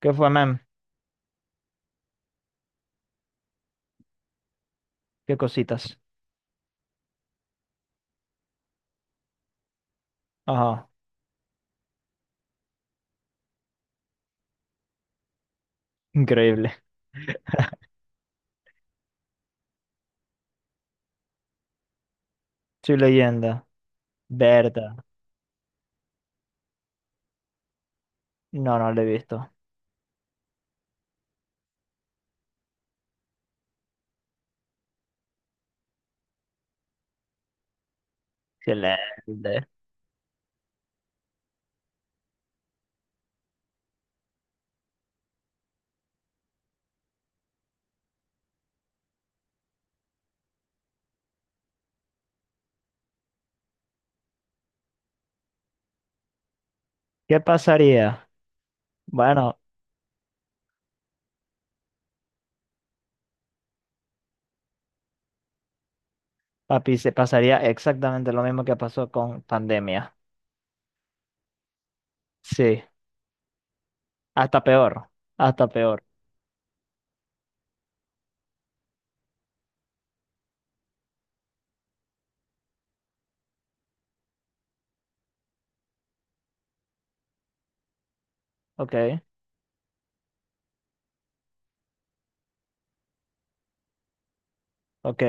¿Qué fue, mem? ¿Qué cositas? Ajá, increíble. Soy leyenda. Verdad. No, no lo he visto. Excelente. ¿Qué pasaría? Bueno, papi, se pasaría exactamente lo mismo que pasó con pandemia. Sí, hasta peor. Hasta peor. Ok, ok.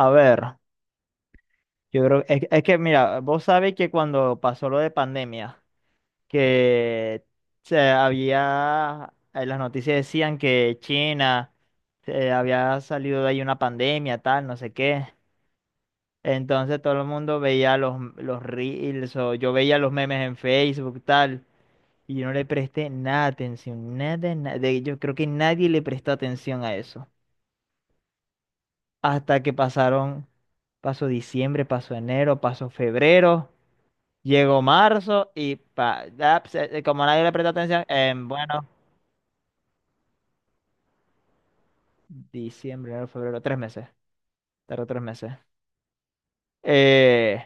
A ver, yo creo, es que mira, vos sabés que cuando pasó lo de pandemia, que las noticias decían que China había salido de ahí una pandemia, tal, no sé qué. Entonces todo el mundo veía los reels o yo veía los memes en Facebook, tal, y yo no le presté nada de atención, nada, nada. Yo creo que nadie le prestó atención a eso. Hasta que pasó diciembre, pasó enero, pasó febrero. Llegó marzo y como nadie le prestó atención, bueno, diciembre, enero, febrero, tres meses. Tardó tres meses. Eh,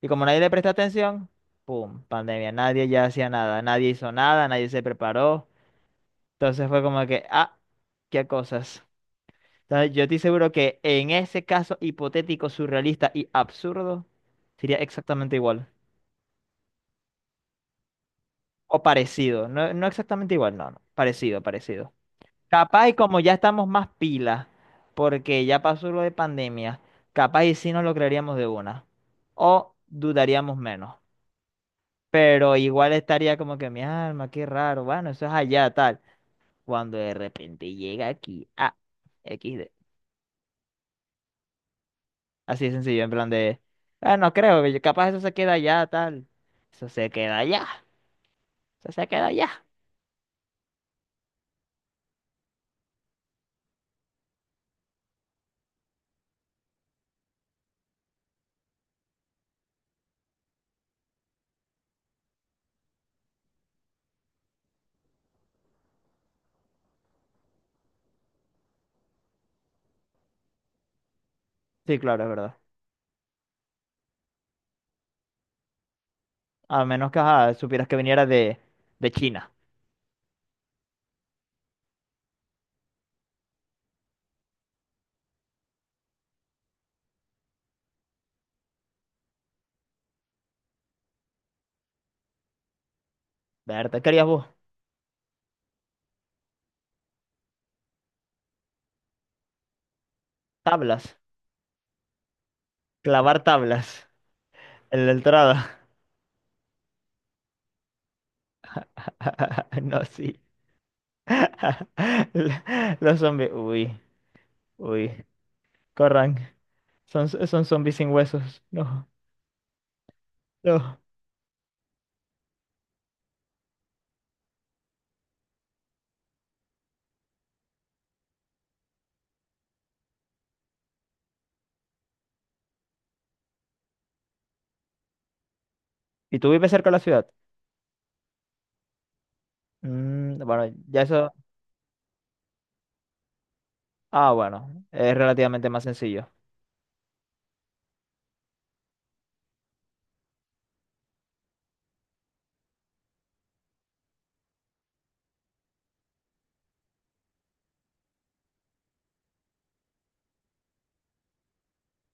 y como nadie le presta atención, ¡pum! Pandemia. Nadie ya hacía nada. Nadie hizo nada, nadie se preparó. Entonces fue como que, ah, qué cosas. Entonces, yo estoy seguro que en ese caso hipotético, surrealista y absurdo, sería exactamente igual. O parecido. No, no exactamente igual, no, no. Parecido, parecido. Capaz y como ya estamos más pilas, porque ya pasó lo de pandemia, capaz y sí nos lo creeríamos de una. O dudaríamos menos. Pero igual estaría como que mi alma, qué raro, bueno, eso es allá, tal. Cuando de repente llega aquí, ah, XD. Así de sencillo, en plan de, ah, no creo, que capaz eso se queda allá, tal. Eso se queda allá, eso se queda allá. Sí, claro, es verdad. A menos que ajá, supieras que viniera de China. ¿Verdad? ¿Qué harías vos? Tablas, clavar tablas. En la entrada. No, sí. Los zombies. Uy, uy. Corran. Son zombies sin huesos. No, no. ¿Y tú vives cerca de la ciudad? Mm, bueno, ya eso. Ah, bueno. Es relativamente más sencillo.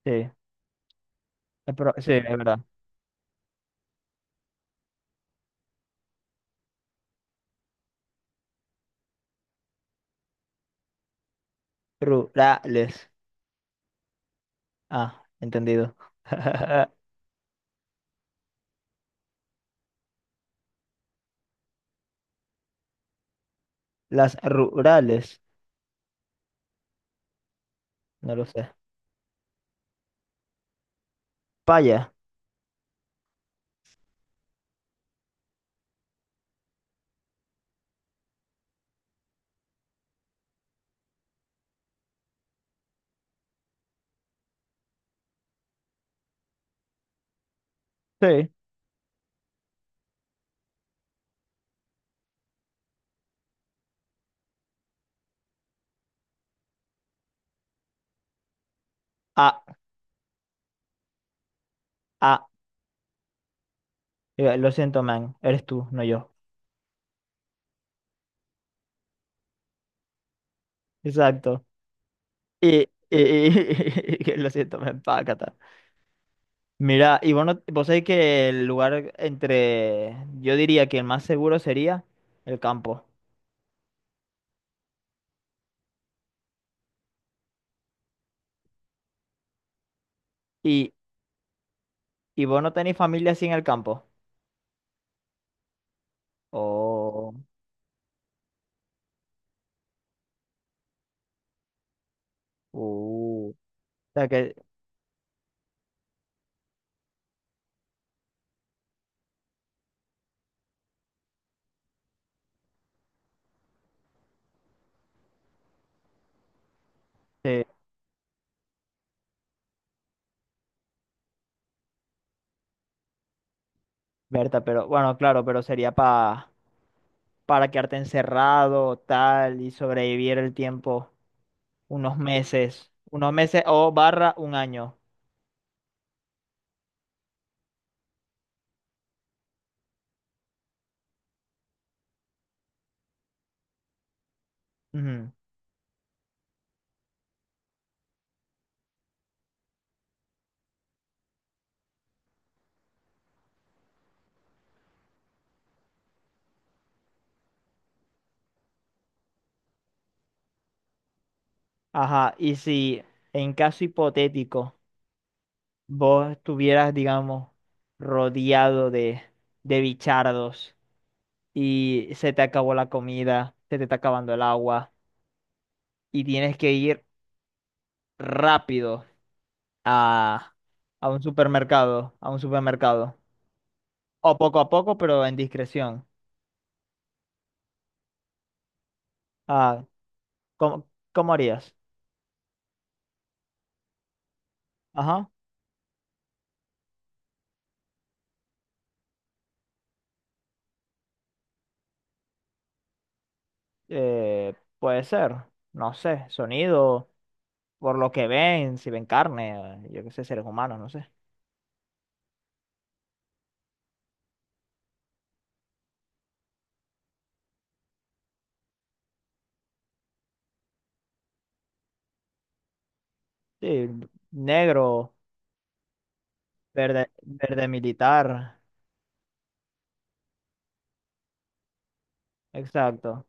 Sí. Sí, es verdad. Rurales. Ah, entendido. Las rurales. No lo sé. Paya. Sí. Ah, ah. Lo siento, man. Eres tú, no yo. Exacto. Y, y, lo siento, me empaca. Mira, y bueno, vos sabés que el lugar entre, yo diría que el más seguro sería el campo. Y, y vos no tenés familia así en el campo. Oh. O sea que, eh, Berta, pero bueno, claro, pero sería para quedarte encerrado, tal, y sobrevivir el tiempo, unos meses o barra un año. Ujú. Ajá, y si en caso hipotético, vos estuvieras, digamos, rodeado de bichardos y se te acabó la comida, se te está acabando el agua y tienes que ir rápido a, a un supermercado, a un supermercado, o poco a poco, pero en discreción. Ah, ¿cómo, cómo harías? Ajá, eh, puede ser, no sé, sonido, por lo que ven, si ven carne, yo qué sé, seres humanos, no sé. Sí, negro, verde, verde militar. Exacto.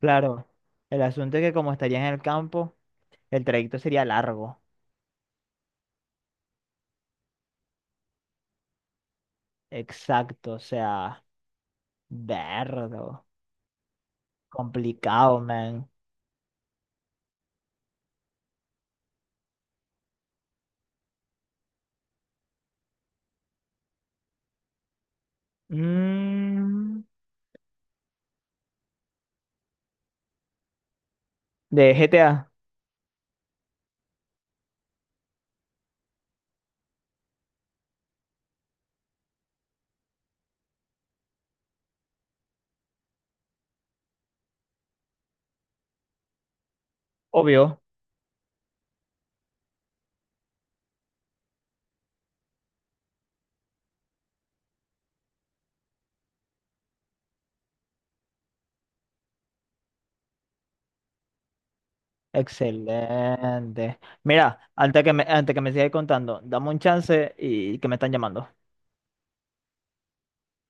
Claro. El asunto es que como estarías en el campo, el trayecto sería largo. Exacto. O sea, verlo. Complicado, man. Mm, de GTA, obvio. Excelente. Mira, antes que me sigas contando, dame un chance y que me están llamando.